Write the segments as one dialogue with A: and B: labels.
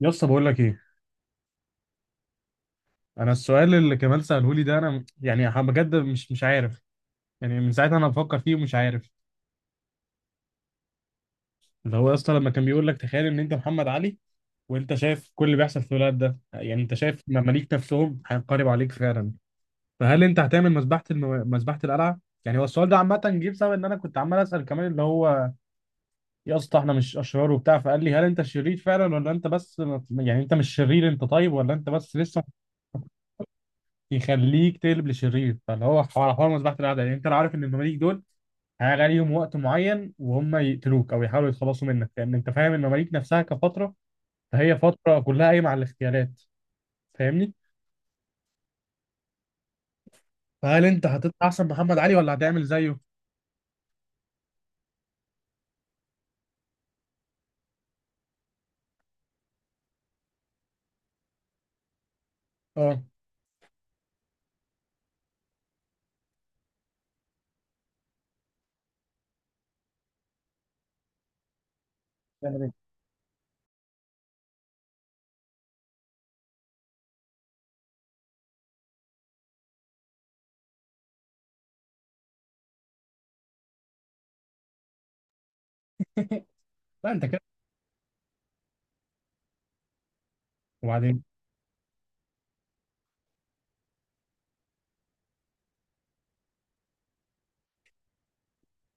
A: يا اسطى بقول لك ايه؟ انا السؤال اللي كمال ساله لي ده انا بجد مش عارف. يعني من ساعتها انا بفكر فيه ومش عارف. اللي هو يا اسطى لما كان بيقول لك تخيل ان انت محمد علي، وانت شايف كل اللي بيحصل في الولاد ده، يعني انت شايف مماليك نفسهم هينقلبوا عليك فعلا، فهل انت هتعمل مذبحه القلعه؟ يعني هو السؤال ده عامه جه بسبب ان انا كنت عمال اسال كمان، اللي هو يا اسطى احنا مش اشرار وبتاع، فقال لي هل انت شرير فعلا ولا انت بس، يعني انت مش شرير انت طيب، ولا انت بس لسه يخليك تقلب لشرير؟ فاللي هو حوار مذبحة الأعداء، يعني أنت لو عارف إن المماليك دول هيجي عليهم وقت معين وهم يقتلوك أو يحاولوا يتخلصوا منك، لأن أنت فاهم المماليك نفسها كفترة، فهي فترة كلها قايمة على الاغتيالات. فاهمني؟ فهل أنت هتطلع أحسن محمد علي ولا هتعمل زيه؟ أه. تعمل إيه؟ لا أنت كده. وبعدين؟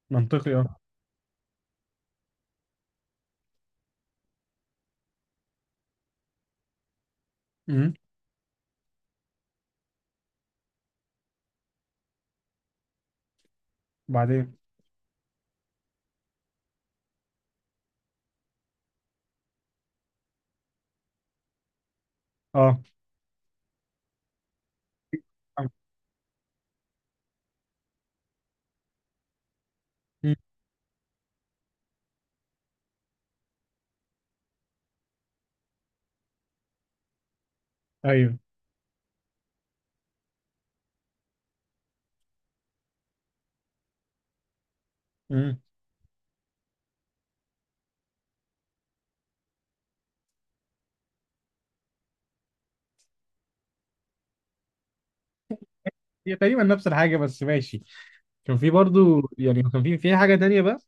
A: منطقي أه. أمم. وبعدين؟ أه. أمم. أيوه. أمم. هي تقريبا نفس الحاجة بس ماشي. كان في برضو، يعني كان في حاجة تانية بقى،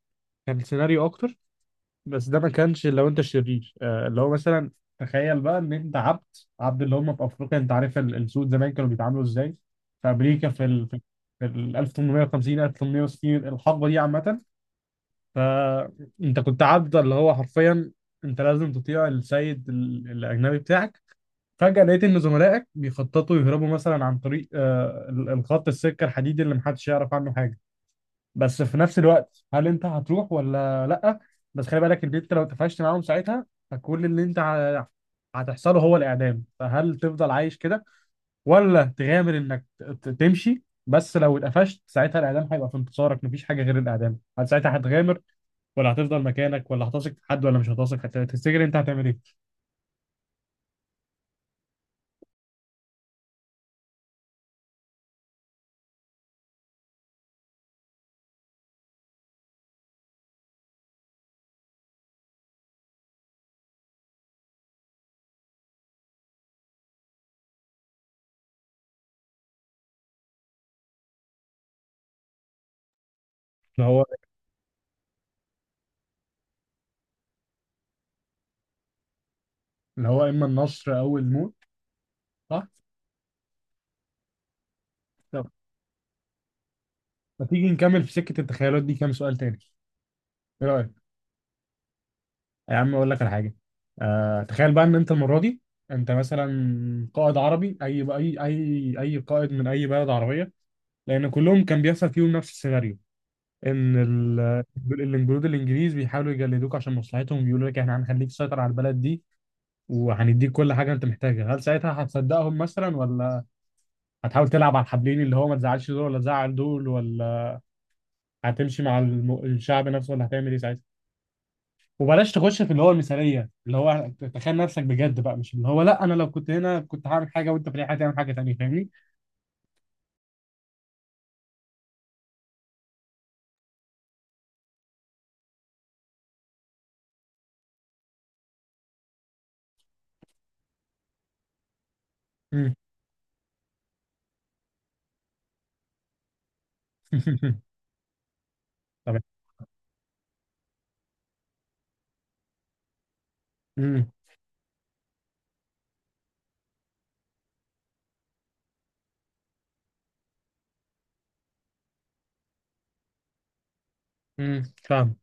A: كان سيناريو أكتر، بس ده ما كانش. لو انت شرير اللي هو مثلا، تخيل بقى ان انت عبد، عبد اللي هم في افريقيا. انت عارف السود زمان كانوا بيتعاملوا ازاي في امريكا، في ال 1850 1860، الحقبه دي عامه. فانت كنت عبد اللي هو حرفيا انت لازم تطيع السيد الاجنبي بتاعك. فجاه لقيت ان زملائك بيخططوا يهربوا مثلا عن طريق الخط السكه الحديدي اللي محدش يعرف عنه حاجه. بس في نفس الوقت، هل انت هتروح ولا لا؟ بس خلي بالك ان انت لو اتفقت معاهم ساعتها، فكل اللي هتحصله هو الاعدام. فهل تفضل عايش كده، ولا تغامر انك تمشي؟ بس لو اتقفشت ساعتها الاعدام هيبقى في انتصارك، مفيش حاجه غير الاعدام. هل ساعتها هتغامر ولا هتفضل مكانك؟ ولا هتثق في حد ولا مش هتثق؟ هتفتكر انت هتعمل ايه؟ اللي هو اللي هو اما النصر او الموت، صح؟ طب ما تيجي نكمل في سكه التخيلات دي كام سؤال تاني، ايه رايك؟ يا عم اقول لك على حاجه. آه، تخيل بقى ان انت المره دي انت مثلا قائد عربي، اي قائد من اي بلد عربيه، لان كلهم كان بيحصل فيهم نفس السيناريو، ان ال- الجنود الانجليز بيحاولوا يجلدوك عشان مصلحتهم، بيقولوا لك احنا هنخليك تسيطر على البلد دي وهنديك كل حاجه انت محتاجها. هل ساعتها هتصدقهم مثلا، ولا هتحاول تلعب على الحبلين اللي هو ما تزعلش دول ولا تزعل دول، ولا هتمشي مع الشعب نفسه، ولا هتعمل ايه ساعتها؟ وبلاش تخش في اللي هو المثاليه، اللي هو تخيل نفسك بجد بقى مش اللي هو لا انا لو كنت هنا كنت هعمل حاجه وانت في الحياه هتعمل حاجه تانيه. فاهمني؟ امم. طب. امم فاهم.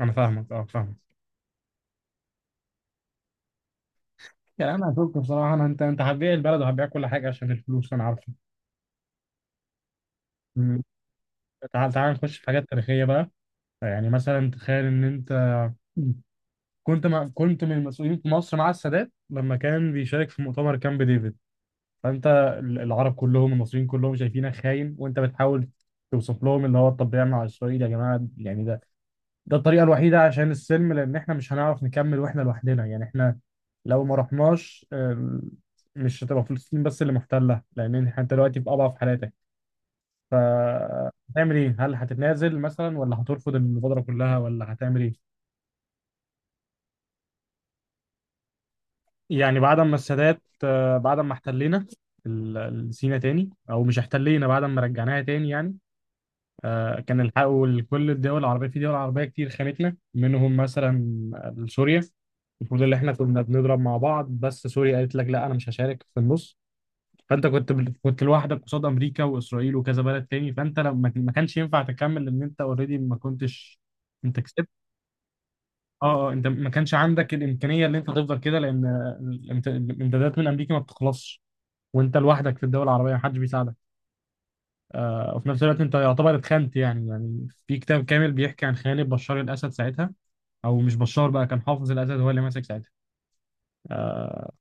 A: انا فاهمك، اه فاهم. يعني انا هشوف بصراحه، انا انت هتبيع البلد وهتبيع كل حاجه عشان الفلوس، انا عارفه. مم. تعال تعال نخش في حاجات تاريخيه بقى. يعني مثلا تخيل ان انت كنت من المسؤولين في مصر مع السادات لما كان بيشارك في مؤتمر كامب ديفيد. فانت، العرب كلهم، المصريين كلهم شايفينك خاين، وانت بتحاول توصف لهم اللي هو طب ده يعمل على اسرائيل يا جماعه، يعني ده الطريقه الوحيده عشان السلم، لان احنا مش هنعرف نكمل واحنا لوحدنا. يعني احنا لو ما رحناش مش هتبقى فلسطين بس اللي محتله، لان انت دلوقتي في اضعف حالاتك. هتعمل ايه؟ هل هتتنازل مثلا، ولا هترفض المبادرة كلها، ولا هتعمل ايه؟ يعني بعد ما السادات بعد ما احتلينا سينا تاني، او مش احتلينا، بعد ما رجعناها تاني يعني. آه، كان الحقوا لكل الدول العربية. في دول عربية كتير خانتنا، منهم مثلا سوريا. المفروض اللي احنا كنا بنضرب مع بعض، بس سوريا قالت لك لا انا مش هشارك في النص. فانت كنت لوحدك قصاد امريكا واسرائيل وكذا بلد تاني. فانت لما ما كانش ينفع تكمل، لان انت اوريدي ما كنتش انت كسبت. اه اه، انت ما كانش عندك الامكانيه اللي انت تفضل كده، لان الامدادات من امريكا ما بتخلصش، وانت لوحدك في الدول العربيه ما حدش بيساعدك. آه، وفي نفس الوقت انت يعتبر اتخنت. يعني في كتاب كامل بيحكي عن خيانة بشار الأسد ساعتها، أو مش بشار بقى، كان حافظ الأسد هو اللي ماسك ساعتها.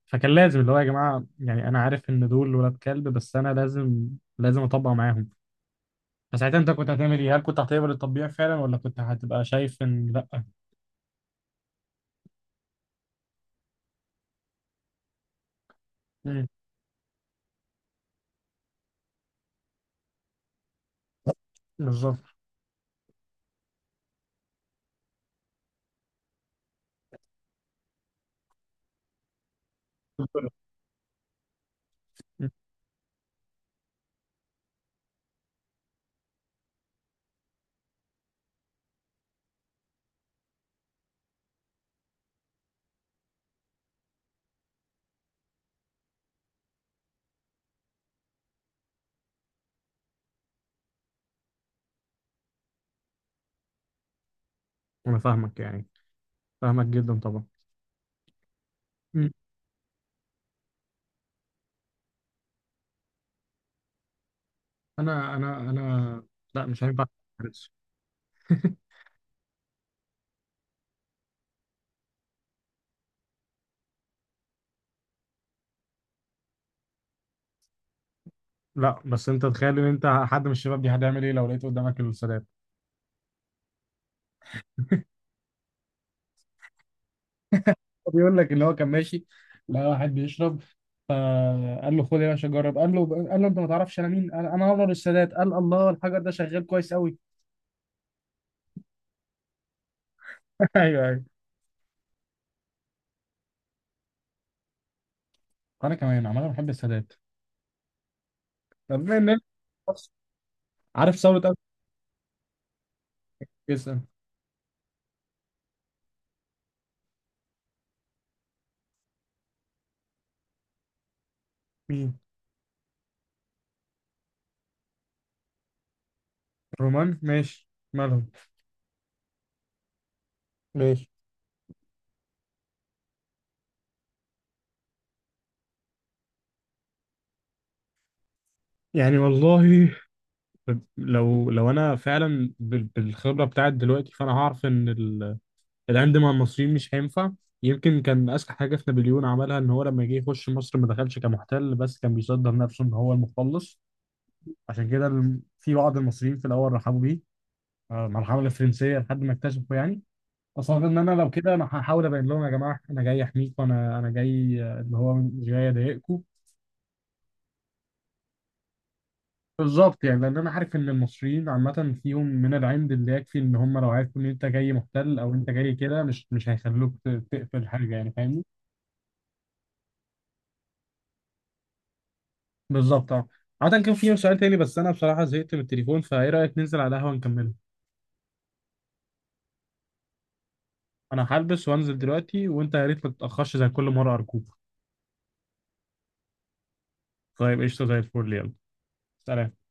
A: فكان لازم اللي هو يا جماعة، يعني أنا عارف إن دول ولاد كلب، بس أنا لازم أطبق معاهم. فساعتها أنت كنت هتعمل إيه؟ هل كنت هتقبل التطبيع فعلا، ولا كنت هتبقى شايف إن لأ؟ مم. بالظبط. مم. أنا فاهمك يعني، فاهمك جدا طبعا. مم. أنا لأ مش هينفع. أعترض. لا بس انت تخيل ان انت حد من الشباب دي، هتعمل ايه لو لقيت قدامك السادات؟ هو بيقول لك ان هو كان ماشي، لقى واحد بيشرب، فقال له خد يا باشا جرب. قال له انت ما تعرفش انا مين؟ قال انا انور السادات. قال الله، الحجر ده شغال كويس قوي. ايوه ايوه. انا كمان عمال بحب السادات. طب بما ان، عارف ثورة 1900؟ مين؟ رومان، ماشي. مالهم؟ ماشي. يعني والله، لو انا فعلا بالخبره بتاعت دلوقتي، فانا هعرف ان العند مع المصريين مش هينفع. يمكن كان اذكى حاجه في نابليون عملها ان هو لما جه يخش مصر ما دخلش كمحتل، بس كان بيصدر نفسه ان هو المخلص. عشان كده في بعض المصريين في الاول رحبوا بيه، آه، مع الحمله الفرنسيه، لحد ما اكتشفوا. يعني اصلا ان انا لو كده انا هحاول ابين لهم يا جماعه انا جاي احميكم، انا جاي اللي هو مش جاي اضايقكم. بالظبط، يعني لان انا عارف ان المصريين عامه فيهم من العند اللي يكفي ان هم لو عرفوا ان انت جاي محتل او انت جاي كده مش هيخلوك تقفل حاجه، يعني فاهمني. بالظبط اه. عادة كان في سؤال تاني بس انا بصراحة زهقت من التليفون، فايه رأيك ننزل على القهوة نكمله؟ انا هلبس وانزل دلوقتي، وانت يا ريت ما تتأخرش زي كل مرة، ارجوك. طيب قشطة زي الفل، يلا. سلام.